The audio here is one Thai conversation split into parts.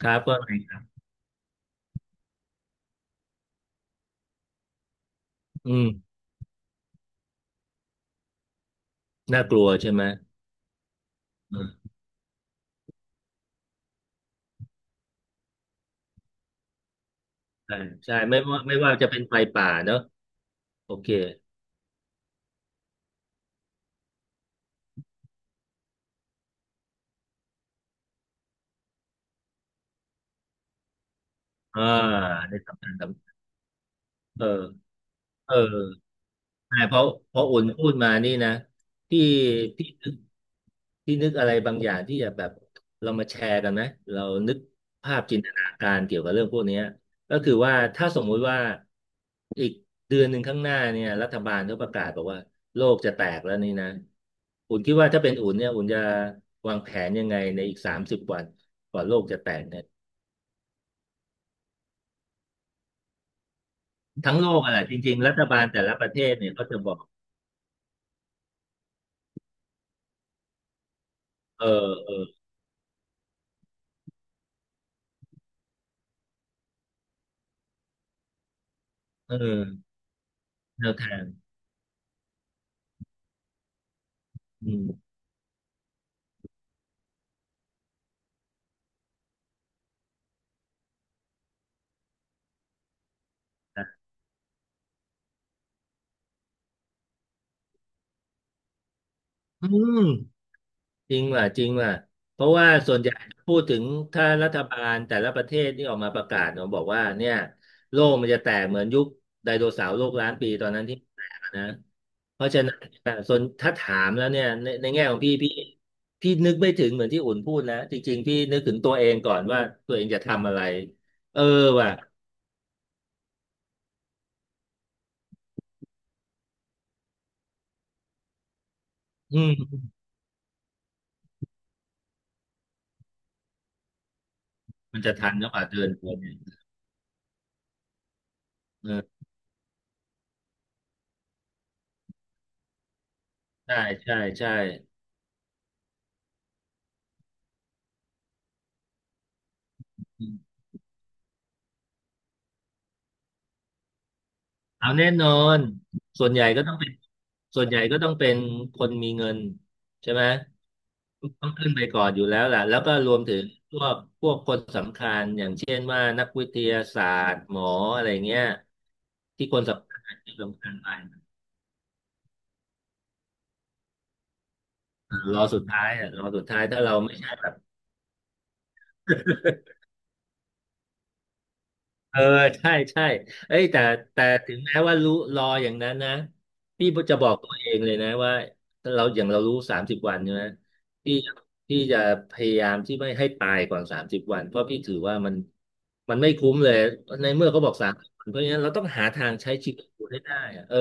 ครับก็ไงอืมน่ากลัวใช่ไหมอืมใช่ใช่ไม่ว่าจะเป็นไฟป่าเนอะโอเคอ่าในสำคัญสำเออ ใช่เพราะอุ่นพูดมานี่นะที่ที่นึกที่นึกอะไรบางอย่างที่จะแบบเรามาแชร์กันไหมเรานึกภาพจินตนาการเกี่ยวกับเรื่องพวกเนี้ยก็คือว่าถ้าสมมุติว่าอีกเดือนหนึ่งข้างหน้าเนี่ยรัฐบาลเขาประกาศบอกว่าโลกจะแตกแล้วนี่นะอุ่นคิดว่าถ้าเป็นอุ่นเนี่ยอุ่นจะวางแผนยังไงในอีกสามสิบวันก่อนโลกจะแตกเนี่ยทั้งโลกอะไรจริงๆรัฐบาลแต่ละประเทศเนี่ยเขาจะบอกเออเออเออแนวทางอืม อืมจริงว่ะจริงว่ะเพราะว่าส่วนใหญ่พูดถึงถ้ารัฐบาลแต่ละประเทศที่ออกมาประกาศเนาะบอกว่าเนี่ยโลกมันจะแตกเหมือนยุคไดโนเสาร์โลกล้านปีตอนนั้นที่แตกอะนะเพราะฉะนั้นส่วนถ้าถามแล้วเนี่ยในแง่ของพี่นึกไม่ถึงเหมือนที่อุ่นพูดนะจริงๆพี่นึกถึงตัวเองก่อนว่าตัวเองจะทำอะไรเออว่ะอืมมันจะทันหรือเปล่าเดินไปเนี่ยเออใช่ใช่ใช่ เอาแน่นอนส่วนใหญ่ก็ต้องเป็นส่วนใหญ่ก็ต้องเป็นคนมีเงินใช่ไหมต้องขึ้นไปก่อนอยู่แล้วแหละแล้วก็รวมถึงพวกคนสำคัญอย่างเช่นว่านักวิทยาศาสตร์หมออะไรเงี้ยที่คนสำคัญที่สำคัญไปเออรอสุดท้ายอ่ะรอสุดท้ายถ้าเราไม่ใช่แบบ เออใช่ใช่เอ้ยแต่ถึงแม้ว่ารู้รออย่างนั้นนะพี่จะบอกตัวเองเลยนะว่าเราอย่างเรารู้สามสิบวันใช่ไหมพี่พี่จะพยายามที่ไม่ให้ตายก่อนสามสิบวันเพราะพี่ถือว่ามันไม่คุ้มเลยในเมื่อเขาบอกสามสิบวันเพราะฉะนั้นเราต้องหาทางใช้ชีวิตอยู่ให้ได้อะเออ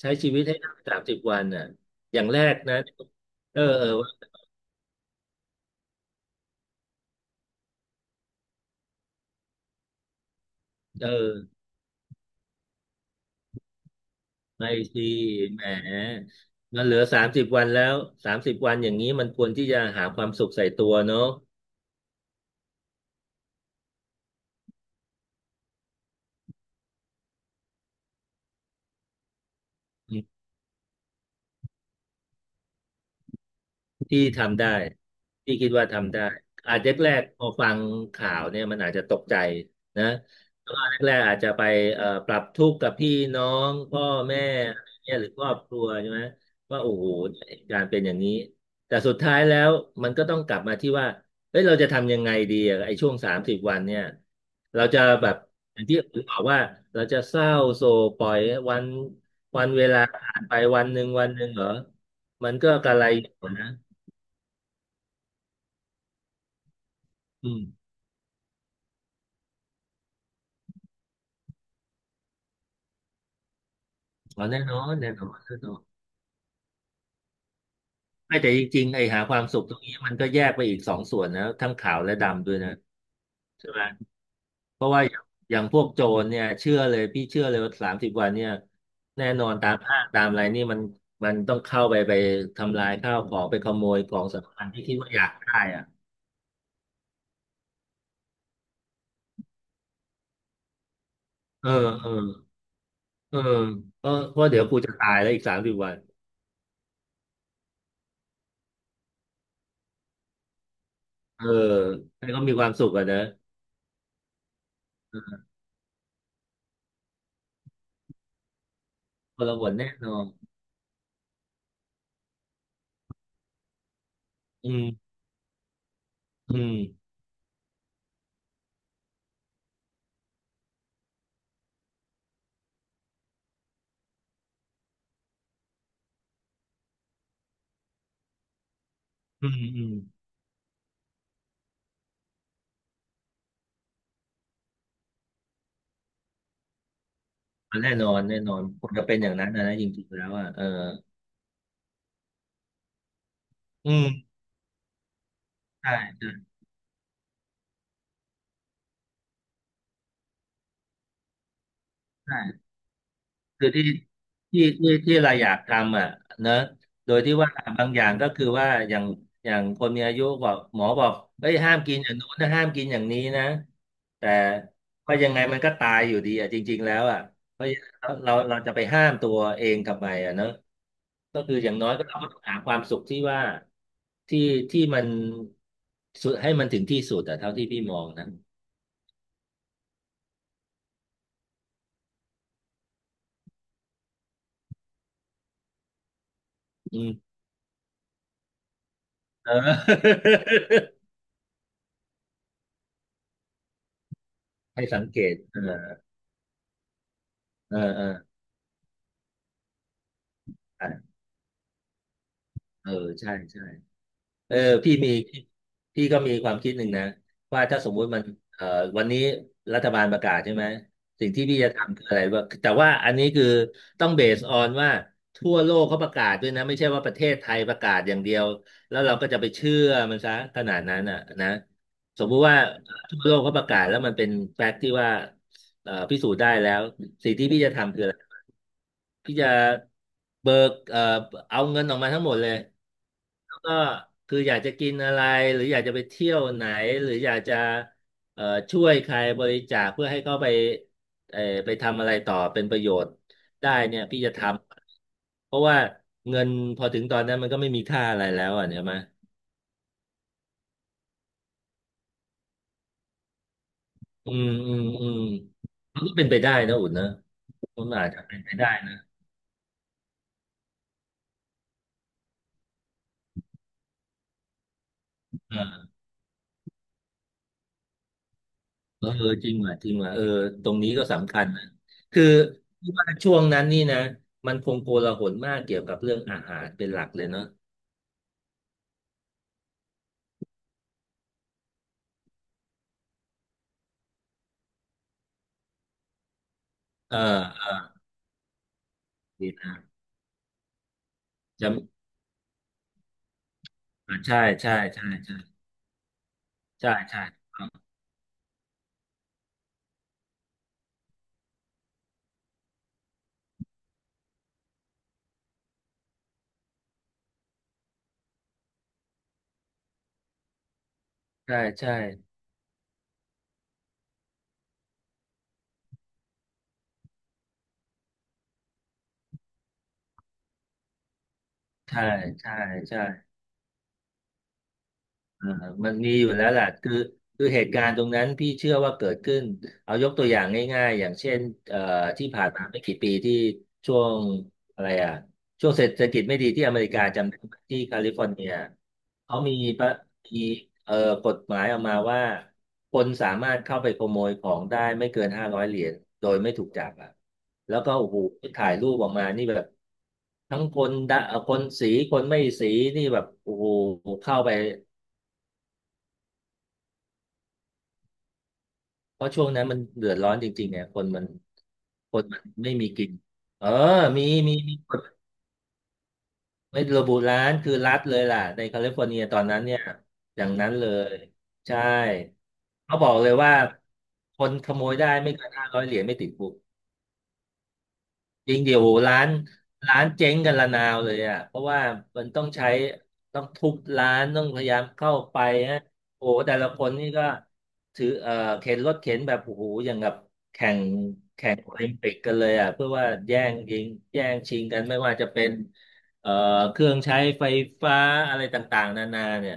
ใช้ชีวิตให้ได้สามสิบวันอ่ะอย่างแรกนะเออเออเออ ไม่สิแหมมันเหลือสามสิบวันแล้วสามสิบวันอย่างนี้มันควรที่จะหาความสุขใส่ตัวเนอะอื พี่ทำได้พี่คิดว่าทำได้อาจจะแรกๆพอฟังข่าวเนี่ยมันอาจจะตกใจนะแล้วก็แรกๆอาจจะไปปรับทุกข์กับพี่น้องพ่อแม่อะไรเนี่ยหรือครอบครัวใช่ไหมว่าโอ้โหการเป็นอย่างนี้แต่สุดท้ายแล้วมันก็ต้องกลับมาที่ว่าเฮ้ยเราจะทำยังไงดีอะไอ้ช่วงสามสิบวันเนี่ยเราจะแบบอย่างที่ผมบอกว่าเราจะเศร้าโศกปล่อยวันวันเวลาผ่านไปวันหนึ่งวันหนึ่งเหรอมันก็กระไรอยู่นะ อืมอ๋อแน่นอนแน่นอนแน่นอนไม่แต่จริงๆไอ้หาความสุขตรงนี้มันก็แยกไปอีกสองส่วนนะทั้งขาวและดำด้วยนะใช่ไหมเพราะว่าอย่างพวกโจรเนี่ยเชื่อเลยพี่เชื่อเลยว่าสามสิบวันเนี่ยแน่นอนตามห้างตามอะไรนี่มันต้องเข้าไปทำลายข้าวของไปขโมยของสำคัญที่คิดว่าอยากได้อ่ะเออเออเออเออเพราะเดี๋ยวกูจะตายแล้วอีกสามสิบวันเออให้เขามีความสุขอ่ะนะคนละหนแน่นอนอืมอืมอืมอืม มันแน่นอนแน่นอนผมจะเป็นอย่างนั้นนะนะจริงๆแล้วอ่ะเอออืมใช่ใช่ใช่คือที่เราอยากทำอ่ะเนอะโดยที่ว่าบางอย่างก็คือว่าอย่างคนมีอายุบอกหมอบอกเฮ้ยห้ามกินอย่างนู้นนะห้ามกินอย่างนี้นะแต่ก็ยังไงมันก็ตายอยู่ดีอ่ะจริงๆแล้วอ่ะเพราะฉะนั้นเราจะไปห้ามตัวเองทำไมอ่ะเนอะก็คืออย่างน้อยก็เราก็ต้องหาความสุขที่ว่าที่ที่มันสุดให้มันถึงที่สุดอ่ะเท่าที่พี่มองนะ อืมเออ ให้สังเกตเออเออเอออ่ะเออใช่ใช่เออพี่มีพี่ก็มีความคิดหนึ่งนะว่าถ้าสมมุติมันเอ่อวันนี้รัฐบาลประกาศใช่ไหมสิ่งที่พี่จะทำคืออะไรว่าแต่ว่าอันนี้คือต้องเบสออนว่าทั่วโลกเขาประกาศด้วยนะไม่ใช่ว่าประเทศไทยประกาศอย่างเดียวแล้วเราก็จะไปเชื่อมันซะขนาดนั้นอ่ะนะสมมุติว่าทั่วโลกเขาประกาศแล้วมันเป็นแฟกต์ที่ว่า พิสูจน์ได้แล้วสิ่งที่พี่จะทำคืออะไรพี่จะเบิกเอาเงินออกมาทั้งหมดเลยแล้วก็คืออยากจะกินอะไรหรืออยากจะไปเที่ยวไหนหรืออยากจะเอ่อช่วยใครบริจาคเพื่อให้เขาไปไปทำอะไรต่อเป็นประโยชน์ได้เนี่ยพี่จะทำเพราะว่าเงินพอถึงตอนนั้นมันก็ไม่มีค่าอะไรแล้วอ่ะเนี่ยมาอืมอืมอืมมันก็เป็นไปได้นะอุ่นนะมันอาจจะเป็นไปได้นะ เออจริงว่ะจริงว่ะเออตรงนี้ก็สำคัญนะคือที่ว่าช่วงนั้นนี่นะมันคงโกลาหลมากเกี่ยวกับเรื่องอาหารเป็นหลักเลยเนาะเออดีนะจะอ่าใช่ใช่ใช่ใช่ใช่ใช่ใช่ใช่ใช่ใช่ใช่ อ่ามันมีอยู่แล้วล่ะคือคือเหตุการณ์ตรงนั้นพี่เชื่อว่าเกิดขึ้นเอายกตัวอย่างง่ายๆอย่างเช่นเอ่อที่ผ่านมาไม่กี่ปีที่ช่วงอะไรอ่ะช่วงเศรษฐกิจไม่ดีที่อเมริกาจำได้ไหมที่แคลิฟอร์เนียเขามีประมีเอ่อกฎหมายออกมาว่าคนสามารถเข้าไปขโมยของได้ไม่เกินห้าร้อยเหรียญโดยไม่ถูกจับอ่ะแล้วก็โอ้โหถ่ายรูปออกมานี่แบบทั้งคนดะคนสีคนไม่สีนี่แบบโอ้โหเข้าไป เพราะช่วงนั้นมันเดือดร้อนจริงๆเนี่ยคนมันไม่มีกินเออมีมีกฎไม่ระบุร้านคือรัฐเลยล่ะในแคลิฟอร์เนียตอนนั้นเนี่ยอย่างนั้นเลยใช่เขาบอกเลยว่าคนขโมยได้ไม่เกินห้าร้อยเหรียญไม่ติดคุก จริงเดี๋ยวร้านเจ๊งกันระนาวเลยอ่ะเพราะว่ามันต้องใช้ต้องทุบร้านต้องพยายามเข้าไปฮะโอ้โหแต่ละคนนี่ก็ถือเข็นรถเข็นแบบโอ้โหอย่างกับแข่งแข่งโอลิมปิกกันเลยอ่ะเพื่อว่าแย่งยิงแย่งชิงกันไม่ว่าจะเป็นเอ่อเครื่องใช้ไฟฟ้าอะไรต่างๆนานาเนี่ย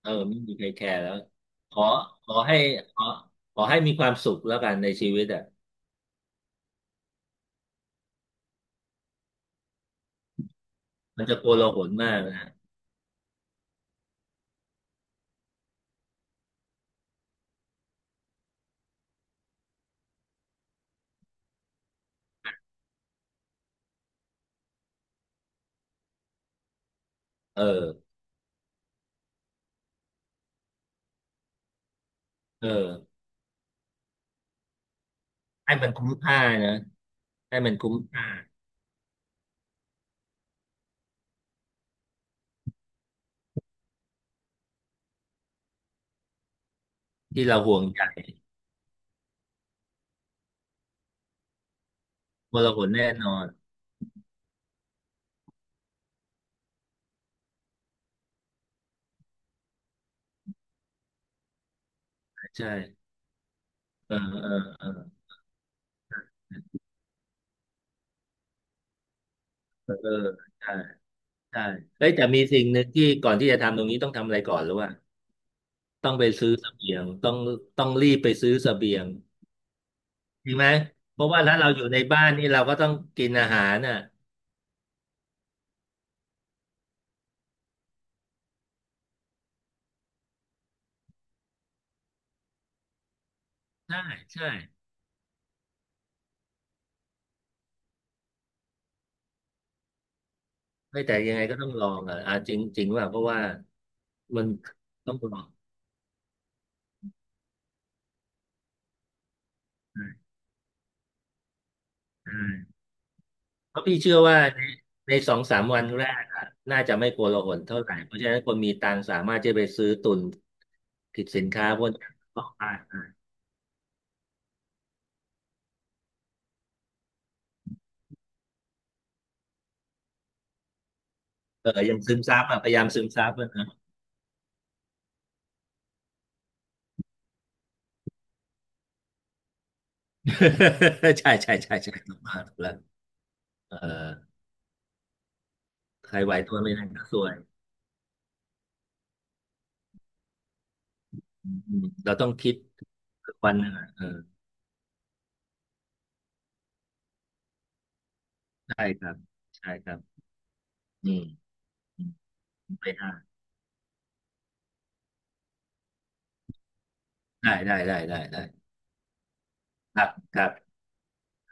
เออไม่มีใครแคร์แล้วขอขอให้ขอขอให้มีความสุขแล้วกันในชีวิตอ่ะมันจะโกลาหลมากนะเออเออ ให้มันคุ้มค่านะให้มันคุ้มค่าที่เราห่วงใยมรหนแน่นอนใช่เออเออเออเออเออใช่ใช่เอ้ยแต่มีสิ่งหนึ่งที่ก่อนที่จะทำตรงนี้ต้องทำอะไรก่อนหรือว่าต้องไปซื้อเสบียงต้องรีบไปซื้อเสบียงจริงไหมเพราะว่าถ้าเราอยู่ในบ้านนี่เราก็ต้องกินอาหารน่ะใช่ใช่ไม่แต่ยังไงก็ต้องลองอ่ะอ่ะจริงจริงว่าเพราะว่ามันต้องลองใช่ใช่ เพราะพี่เชื่อว่าในสองสามวันแรกอะน่าจะไม่โกลาหลเท่าไหร่เพราะฉะนั้นคนมีตังค์สามารถจะไปซื้อตุนผิดสินค้าพวกนี้ต่อได้นเออยังซึมซับอะพยายามซึมซับอะนะ ใช่ใช่ใช่ใช่ถูกมากถูกแล้วเออใครไหวตัวไม่ทันก็ซวยอืมเราต้องคิดทุกวันนึงอะเออใช่ครับใช่ครับอืมอืมไม่ได้ได้ได้ได้ได้ได้ครับครับ